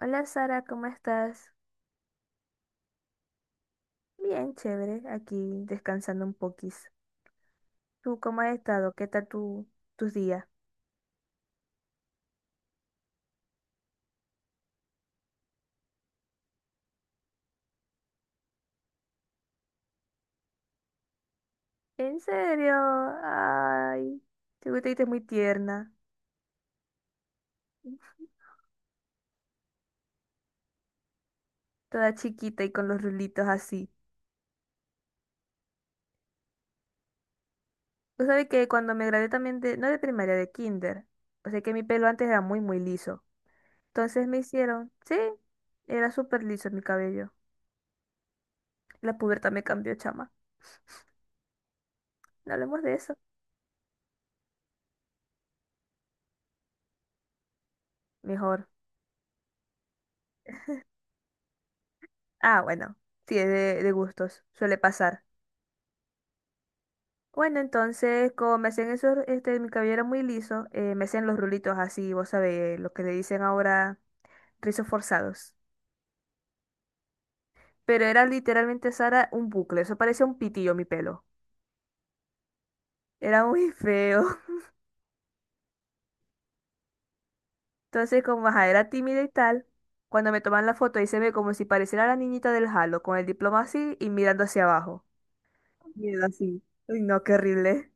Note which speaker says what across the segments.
Speaker 1: Hola Sara, ¿cómo estás? Bien, chévere, aquí descansando un poquis. ¿Tú cómo has estado? ¿Qué tal tus días? ¿En serio? Ay, te viste muy tierna, toda chiquita y con los rulitos así. Tú sabes que cuando me gradué también de, no de primaria, de kinder, o sea que mi pelo antes era muy liso. Entonces me hicieron, sí, era súper liso mi cabello. La pubertad me cambió, chama. No hablemos de eso. Mejor. Ah, bueno, sí, es de gustos, suele pasar. Bueno, entonces, como me hacían eso, este, mi cabello era muy liso, me hacían los rulitos así, vos sabés, lo que le dicen ahora rizos forzados. Pero era literalmente, Sara, un bucle, eso parecía un pitillo mi pelo. Era muy feo. Entonces, como ajá, era tímida y tal, cuando me toman la foto, ahí se ve como si pareciera la niñita del Halo, con el diploma así y mirando hacia abajo. Miedo así. Uy, no, qué horrible.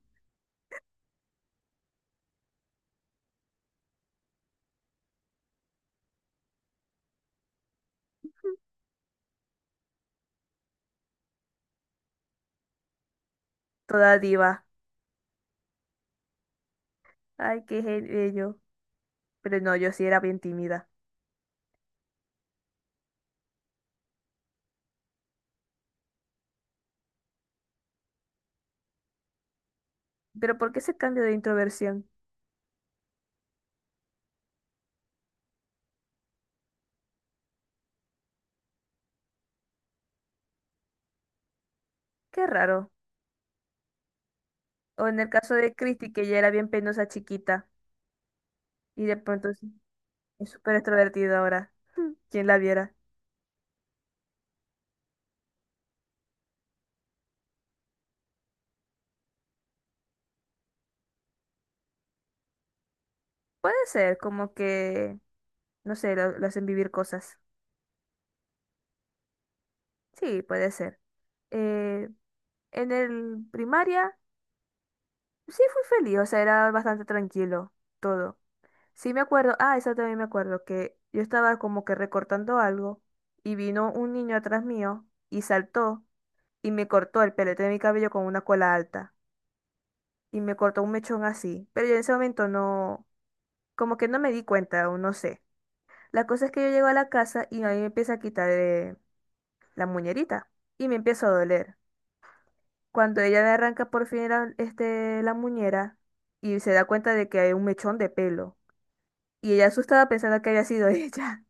Speaker 1: Toda diva. Ay, bello. Pero no, yo sí era bien tímida. Pero ¿por qué ese cambio de introversión? Qué raro. O en el caso de Christy, que ella era bien penosa chiquita y de pronto es súper extrovertida ahora. ¿Quién la viera? Puede ser, como que, no sé, lo hacen vivir cosas. Sí, puede ser. Eh, en el primaria, sí fui feliz, o sea, era bastante tranquilo todo. Sí me acuerdo, ah, eso también me acuerdo, que yo estaba como que recortando algo y vino un niño atrás mío y saltó y me cortó el pelete de mi cabello con una cola alta, y me cortó un mechón así. Pero yo en ese momento no, como que no me di cuenta o no sé. La cosa es que yo llego a la casa y a mí me empieza a quitar la muñerita y me empieza a doler. Cuando ella me arranca por fin la, este, la muñera y se da cuenta de que hay un mechón de pelo. Y ella asustada pensando que había sido ella.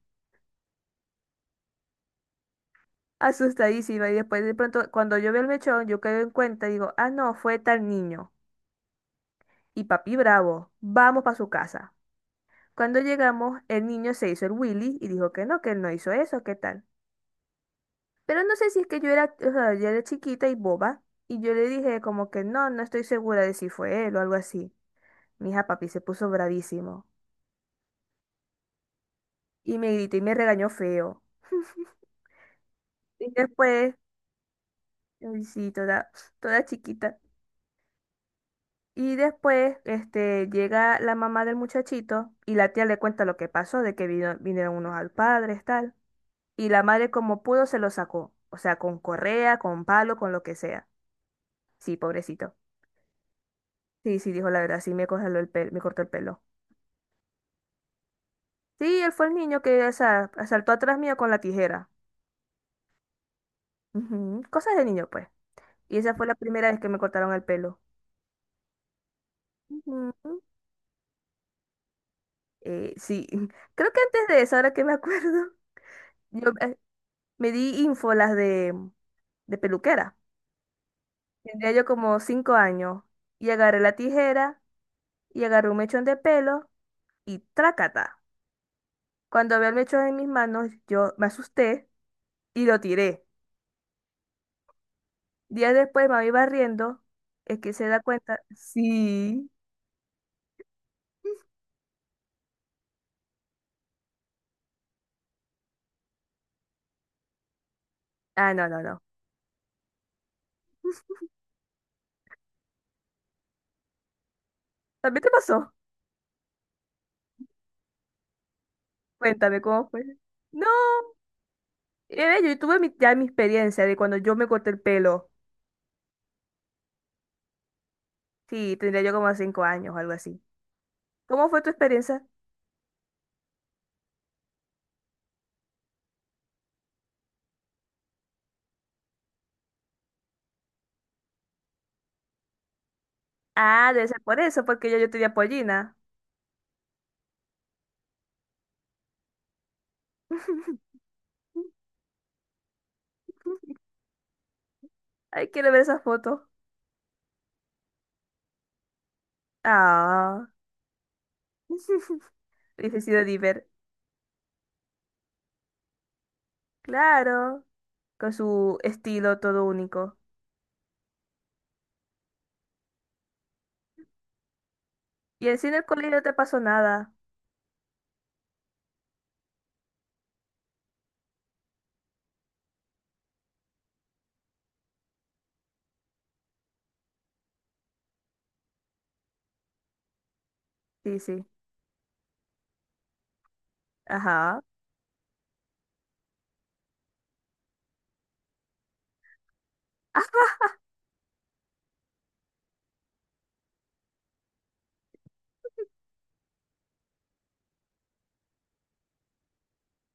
Speaker 1: Asustadísima. Y después de pronto, cuando yo veo el mechón, yo caigo en cuenta y digo, ah, no, fue tal niño. Y papi bravo, vamos para su casa. Cuando llegamos, el niño se hizo el Willy y dijo que no, que él no hizo eso, ¿qué tal? Pero no sé si es que yo era, o sea, yo era chiquita y boba, y yo le dije como que no, no estoy segura de si fue él o algo así. Mi hija papi se puso bravísimo y me gritó y me regañó feo. Y después, ay, sí, toda, toda chiquita. Y después, este, llega la mamá del muchachito y la tía le cuenta lo que pasó, de que vinieron unos al padre, tal. Y la madre como pudo se lo sacó, o sea, con correa, con palo, con lo que sea. Sí, pobrecito. Sí, sí, dijo la verdad, sí, me congeló el pelo, me cortó el pelo. Sí, él fue el niño que saltó atrás mío con la tijera. Ujú, cosas de niño, pues. Y esa fue la primera vez que me cortaron el pelo. Ujú. Sí, creo que antes de eso, ahora que me acuerdo, yo me di ínfolas de peluquera. Tendría yo como cinco años y agarré la tijera y agarré un mechón de pelo y trácata. Cuando vi el mechón en mis manos, yo me asusté y lo tiré. Días después, mami barriendo, es que se da cuenta. Sí. Ah, no, no, no. ¿También te pasó? Cuéntame cómo fue. No, yo tuve ya mi experiencia de cuando yo me corté el pelo. Sí, tendría yo como cinco años o algo así. ¿Cómo fue tu experiencia? Ah, debe ser por eso, porque yo tenía pollina. Ay, quiero ver esa foto. Ah. Hubiese sido Diver. Claro, con su estilo todo único. Y así en el colegio no te pasó nada. Sí, sí. Ajá.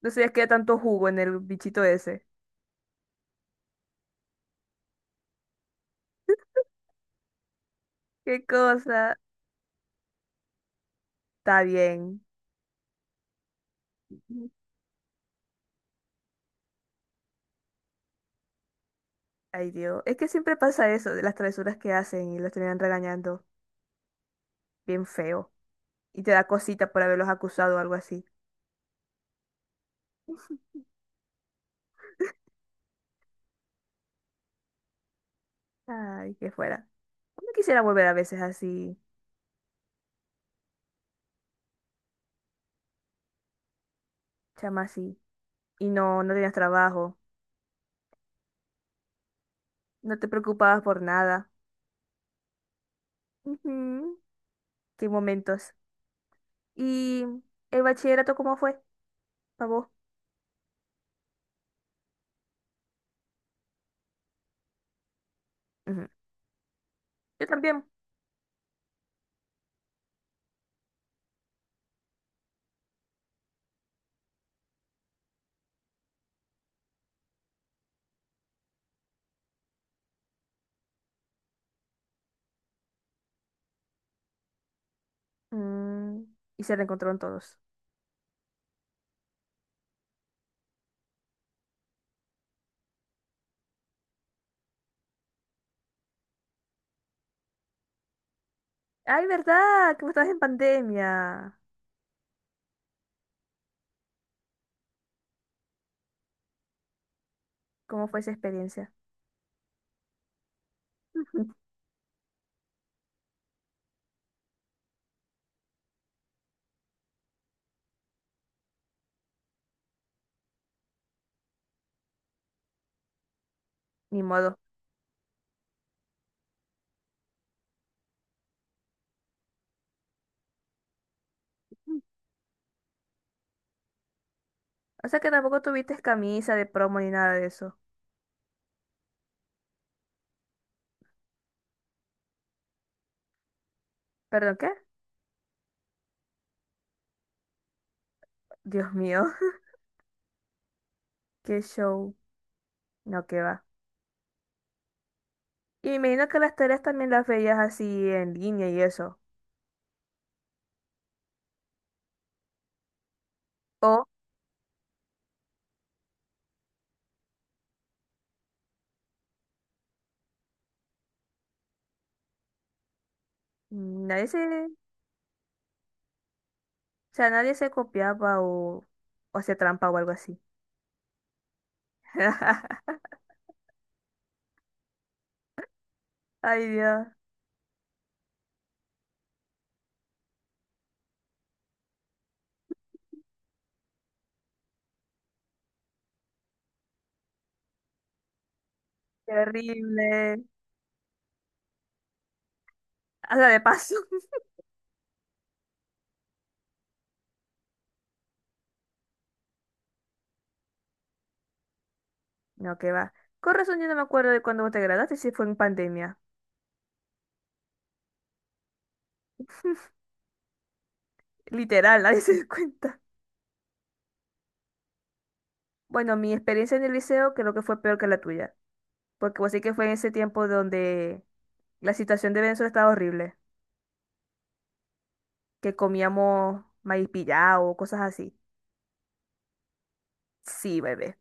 Speaker 1: No sabía que había tanto jugo en el bichito ese. Qué cosa. Está bien. Ay, Dios. Es que siempre pasa eso, de las travesuras que hacen y los terminan regañando. Bien feo. Y te da cosita por haberlos acusado o algo así. Ay, que fuera. No quisiera volver a veces así, chama así. Y no, no tenías trabajo. No te preocupabas por nada. Ujú. Qué momentos. ¿Y el bachillerato cómo fue? ¿Para vos? Ujú. Yo también. Mm, y se reencontraron todos. Ay, ¿verdad? Que vos estabas en pandemia. ¿Cómo fue esa experiencia? Ni modo. O sea que tampoco tuviste camisa de promo ni nada de eso. ¿Perdón qué? Dios mío, qué show. No, qué va. Y me imagino que las tareas también las veías así en línea y eso. O nadie se, o sea, nadie se copiaba o hacía trampa o algo así. Ay, Dios, terrible. Haga de paso. No, qué va. Con razón yo no me acuerdo de cuando vos te graduaste, si fue en pandemia. Literal, nadie se dio cuenta. Bueno, mi experiencia en el liceo creo que fue peor que la tuya, porque vos sí que fue en ese tiempo donde la situación de Venezuela estaba horrible, que comíamos maíz pillado, cosas así. Sí, bebé.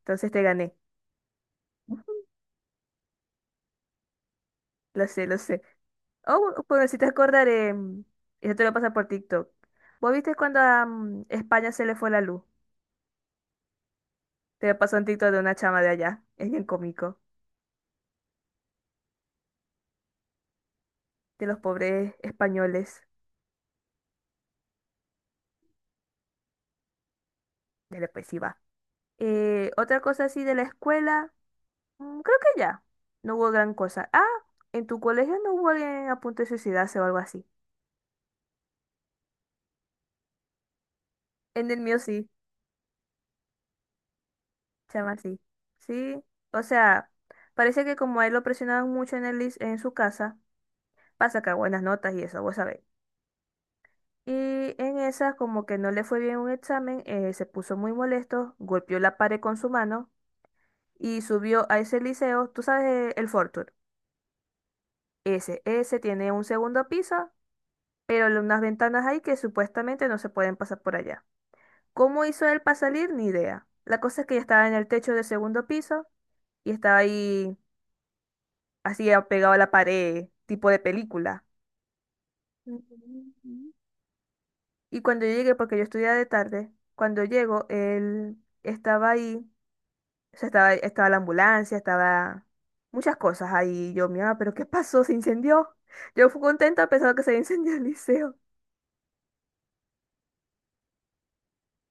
Speaker 1: Entonces te gané. Ujú. Lo sé, lo sé. Oh, bueno, si te acordar, eso te lo pasa por TikTok. ¿Vos viste cuando a España se le fue la luz? Te pasó un TikTok de una chama de allá. Es bien cómico. De los pobres españoles. Dale, pues sí va. Otra cosa así de la escuela. Mm, creo que ya. No hubo gran cosa. Ah, en tu colegio no hubo alguien a punto de suicidarse o algo así. En el mío sí, chama, sí. Sí, o sea, parece que como a él lo presionaban mucho en el, en su casa, para sacar buenas notas y eso, vos sabés. Y en esa, como que no le fue bien un examen, se puso muy molesto, golpeó la pared con su mano y subió a ese liceo, tú sabes, el Fortur. Ese tiene un segundo piso, pero unas ventanas ahí que supuestamente no se pueden pasar por allá. ¿Cómo hizo él para salir? Ni idea. La cosa es que yo estaba en el techo del segundo piso y estaba ahí así pegado a la pared, tipo de película. Ujú. Y cuando yo llegué, porque yo estudiaba de tarde, cuando llego, él estaba ahí, o sea, estaba la ambulancia, estaba muchas cosas ahí. Y yo, mira, pero ¿qué pasó? ¿Se incendió? Yo fui contenta pensando que se había incendiado el liceo.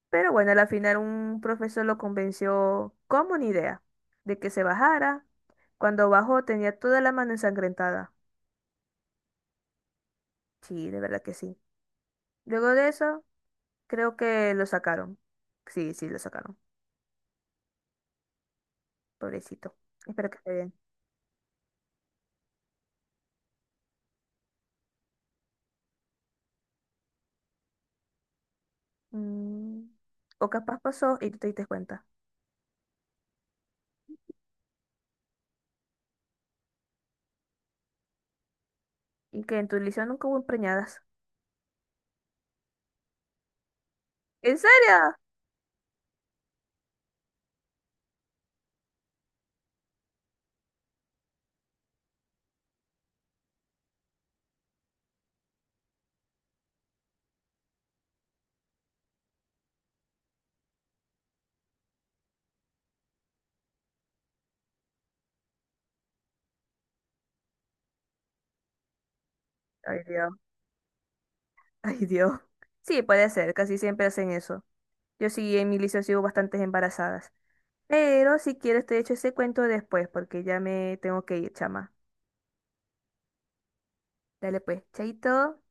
Speaker 1: Pero bueno, al final un profesor lo convenció como una idea de que se bajara. Cuando bajó tenía toda la mano ensangrentada. Sí, de verdad que sí. Luego de eso, creo que lo sacaron. Sí, sí, lo sacaron. Pobrecito. Espero que esté bien. Mm, o capaz pasó y tú te diste cuenta. Y que en tu liceo nunca hubo empreñadas. ¿En serio? Ay, Dios. Ay, Dios. Sí, puede ser. Casi siempre hacen eso. Yo sí, en mi liceo sigo bastantes embarazadas. Pero si quieres te echo ese cuento después porque ya me tengo que ir, chama. Dale pues, chaito.